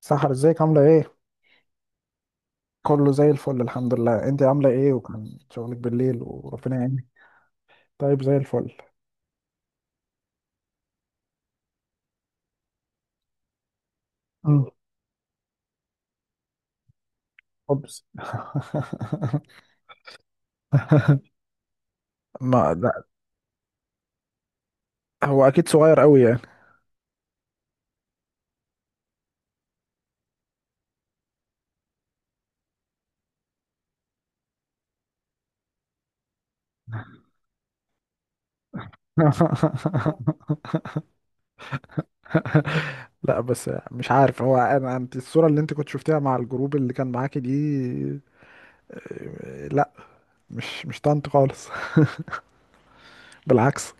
سحر، ازيك؟ عاملة ايه؟ كله زي الفل، الحمد لله. انت عاملة ايه؟ وكان شغلك بالليل، وربنا يعينك. طيب، زي الفل. مم. اوبس. ما لا. هو اكيد صغير قوي يعني. لا بس مش عارف، هو انا انت الصورة اللي انت كنت شفتيها مع الجروب اللي كان معاكي دي. لا، مش مش طنط خالص. بالعكس.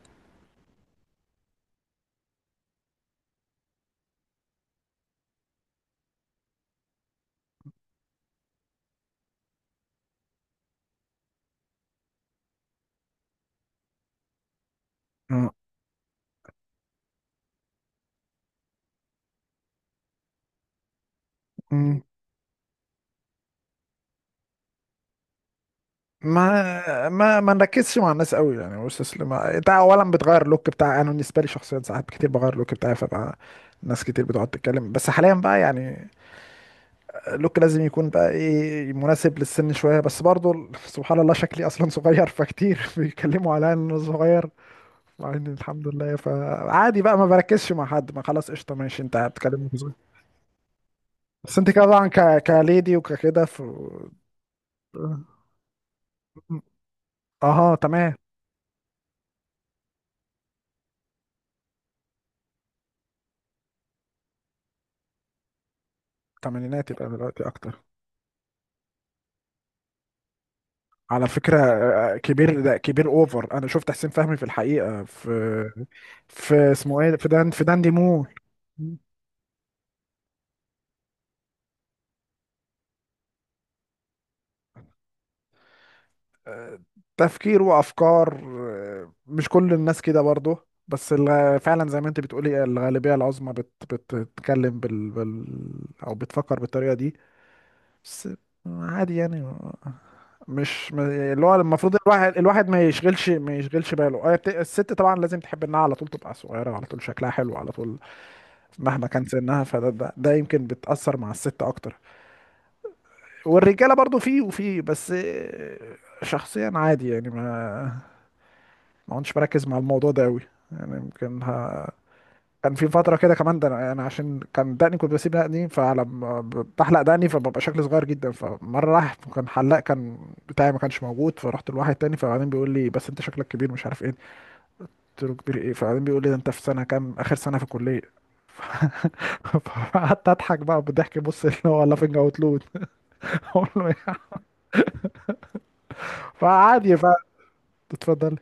مم. ما نركزش مع الناس قوي يعني. واستسلم انت اولا، بتغير اللوك بتاع، انا بالنسبه لي شخصيا ساعات كتير بغير اللوك بتاعي، فبقى ناس كتير بتقعد تتكلم. بس حاليا بقى يعني اللوك لازم يكون بقى ايه، مناسب للسن شويه بس برضو. سبحان الله، شكلي اصلا صغير، فكتير بيتكلموا عليا ان انا صغير، مع ان الحمد لله. فعادي بقى، ما بركزش مع حد. ما خلاص، قشطه، ماشي انت بتكلمني في صغير. بس انت كده طبعا ك... كليدي وككده ف... اها، تمام. تمانينات يبقى دلوقتي اكتر. على فكرة، كبير، ده كبير اوفر. انا شفت حسين فهمي في الحقيقة في، في اسمه ايه، في دان، في داندي مول. آه، تفكير وافكار. مش كل الناس كده برضه، بس فعلا زي ما انت بتقولي، الغالبية العظمى بتتكلم بال او بتفكر بالطريقة دي. بس عادي يعني، مش ما- اللي هو المفروض الواحد ما يشغلش باله. الست طبعا لازم تحب انها على طول تبقى صغيرة، على طول شكلها حلو على طول مهما كان سنها. فده ده يمكن بتأثر مع الست اكتر. والرجاله برضو فيه وفيه، بس شخصيا عادي يعني. ما كنتش بركز مع الموضوع ده قوي. يعني يمكن ها... كان في فترة كده كمان، ده أنا عشان كان دقني، كنت بسيب دقني، فلما بحلق دقني فببقى شكلي صغير جدا. فمرة راح، كان حلاق كان بتاعي ما كانش موجود، فرحت لواحد تاني، فبعدين بيقول لي: بس انت شكلك كبير، مش عارف ايه. قلت له: كبير ايه؟ فبعدين بيقول لي: ده انت في سنه كام، اخر سنه في الكليه. فقعدت اضحك بقى، بالضحك بص، اللي هو لافنج اوت لود. اقول له ايه؟ فعادي بقى. اتفضل.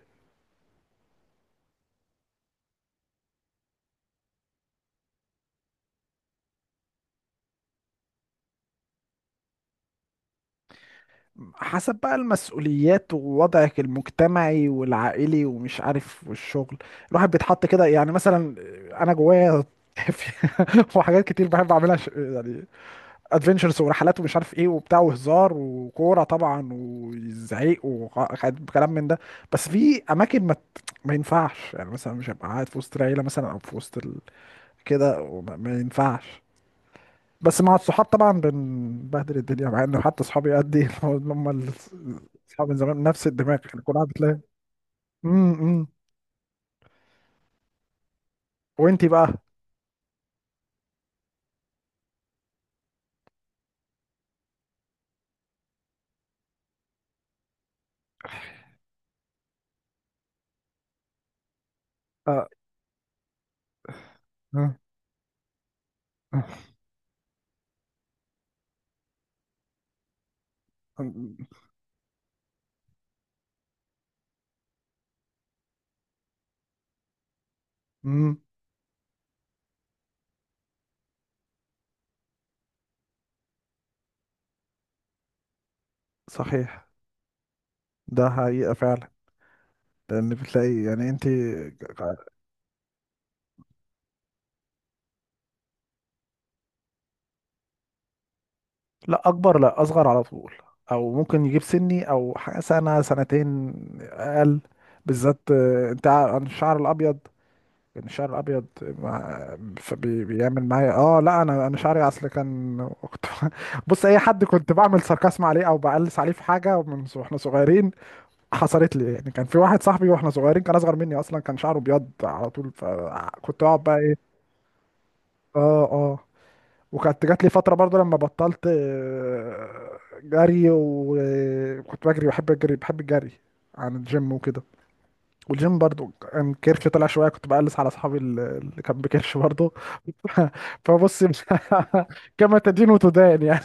حسب بقى المسؤوليات، ووضعك المجتمعي والعائلي ومش عارف والشغل. الواحد بيتحط كده يعني، مثلا انا جوايا في-، وحاجات كتير بحب اعملها، يعني ادفنتشرز ورحلات ومش عارف ايه وبتاع وهزار وكوره طبعا وزعيق وكلام من ده. بس في اماكن ما ينفعش، يعني مثلا مش هبقى قاعد في وسط العيله مثلا، او في وسط ال... كده. ما ينفعش. بس مع الصحاب طبعا بنبهدل الدنيا، مع انه حتى صحابي قد ايه، هم ال-، اصحاب من زمان، نفس الدماغ احنا، كنا بتلاقي. امم. وانتي بقى؟ آه. آه. امم. صحيح، ده حقيقة فعلا. لان بتلاقي يعني انت، لا اكبر لا اصغر على طول، او ممكن يجيب سني او سنه سنتين اقل. بالذات أنا الشعر الابيض، كان الشعر الابيض بيعمل معايا. اه لا انا شعري اصل كان، كنت بص، اي حد كنت بعمل ساركاسم عليه او بقلص عليه في حاجه واحنا صغيرين، حصلت لي يعني. كان في واحد صاحبي واحنا صغيرين، كان اصغر مني اصلا، كان شعره ابيض على طول، فكنت اقعد بقى ايه. اه اه. وكانت جات لي فتره برضو، لما بطلت جري، وكنت بجري، بحب الجري، بحب الجري عن الجيم وكده. والجيم برضو كان كرشي طلع شويه، كنت بقلس على اصحابي اللي كان بكرش برضو. فبص. كما تدين وتدان يعني.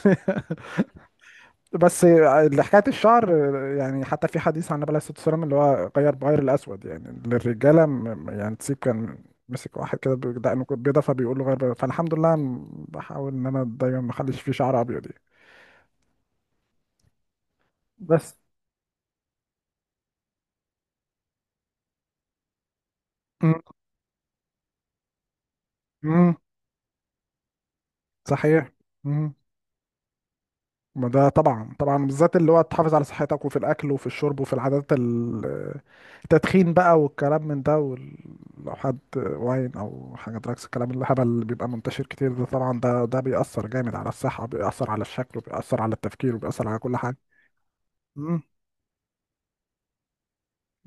بس اللي حكايه الشعر، يعني حتى في حديث عن النبي عليه الصلاه والسلام، اللي هو غير بغير الاسود يعني للرجاله، يعني تسيب، كان مسك واحد كده بدقنه بيضه، فبيقول له: غير بيضة. فالحمد لله أنا بحاول ان انا دايما ما اخليش فيه شعر ابيض يعني. بس. امم. صحيح. مم. ما ده طبعا طبعا، بالذات اللي هو تحافظ على صحتك، وفي الاكل وفي الشرب وفي العادات التدخين بقى، والكلام من ده لو حد واين او حاجه دراكس، الكلام الهبل اللي بيبقى منتشر كتير ده طبعا، ده بيأثر جامد على الصحه، بيأثر على الشكل، وبيأثر على التفكير، وبيأثر على كل حاجه. امم.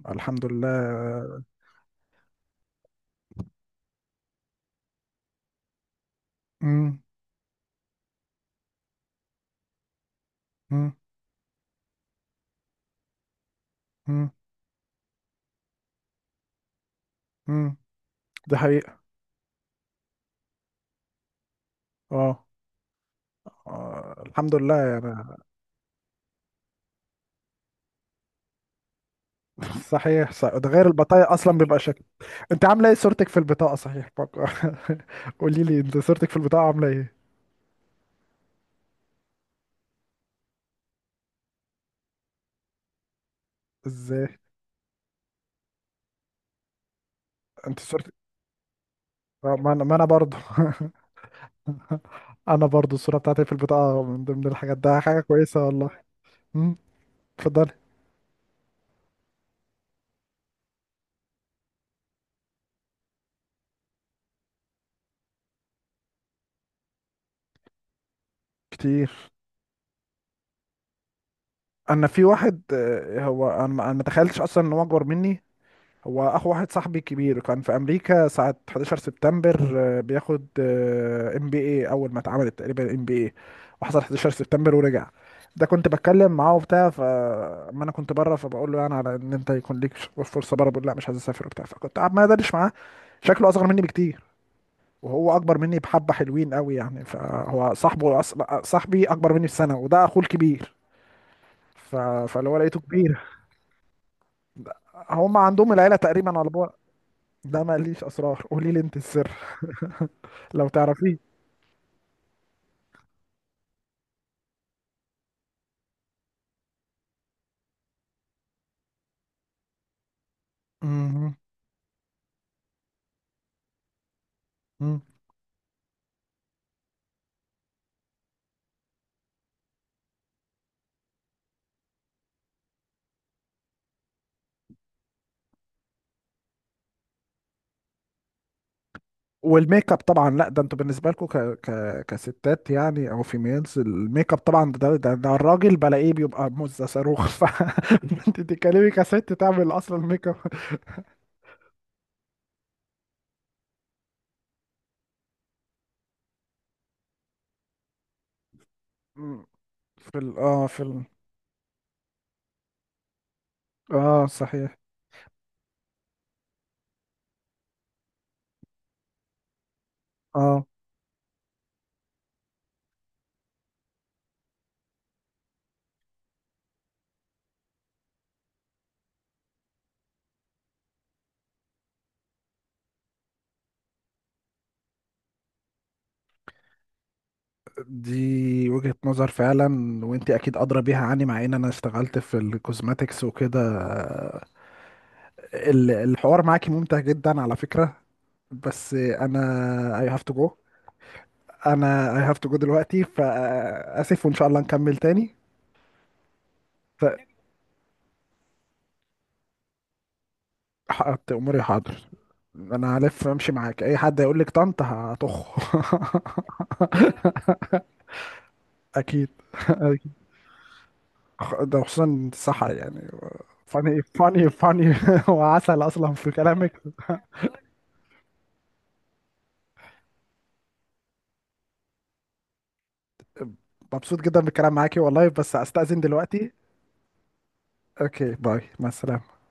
الحمد لله. امم. امم. امم. امم. دي حقيقه. اه. الحمد لله يعني. صحيح، صح. ده غير البطايق اصلا بيبقى. انت عامله ايه صورتك في البطاقه؟ صحيح بقى. قولي لي، انت صورتك في البطاقه عامله ايه؟ ازاي؟ انت صورتك، اه، ما انا برضو. انا برضو الصوره بتاعتي في البطاقه من ضمن الحاجات، ده حاجه كويسه والله. امم. اتفضلي. كتير. انا في واحد، اه، هو انا ما تخيلتش اصلا ان هو اكبر مني. هو اخو واحد صاحبي كبير، كان في امريكا ساعة 11 سبتمبر، بياخد ام بي اي، اول ما اتعملت تقريبا ام بي اي، وحصل 11 سبتمبر ورجع. ده كنت بتكلم معاه وبتاع، فاما انا كنت بره، فبقول له يعني على ان انت يكون ليك فرصه بره، بيقول لا مش عايز اسافر وبتاع، فكنت قاعد ما ادردش معاه. شكله اصغر مني بكتير، وهو اكبر مني بحبه، حلوين قوي يعني. فهو صاحبه صاحبي اكبر مني بسنه، وده اخوه الكبير. ف... فاللي هو لقيته كبير. هم عندهم العيله تقريبا على بعد. ده ما ليش اسرار، قولي لي انت السر لو تعرفيه. مم. مم. والميك اب طبعا. لا ده انتوا بالنسبه لكم ك... ك... كستات يعني، او فيميلز، الميك اب طبعا، ده الراجل بلاقيه بيبقى مزه صاروخ. ف انت تتكلمي كست تعمل اصلا ميك اب؟ في ال... اه في ال... اه صحيح. اه، دي وجهة نظر فعلا، وانت اكيد ادرى بيها عني، مع ان انا اشتغلت في الكوزماتكس وكده. الحوار معاكي ممتع جدا على فكرة، بس انا I have to go. انا I have to go دلوقتي، فاسف وان شاء الله نكمل تاني. ف- حققت اموري، حاضر. انا هلف امشي معاك، اي حد هيقول لك طنط هطخ. اكيد. أكيد. ده خصوصا، صح يعني. فاني وعسل اصلا في كلامك. مبسوط جدا بالكلام معاكي والله، بس استأذن دلوقتي. اوكي، باي، مع السلامة.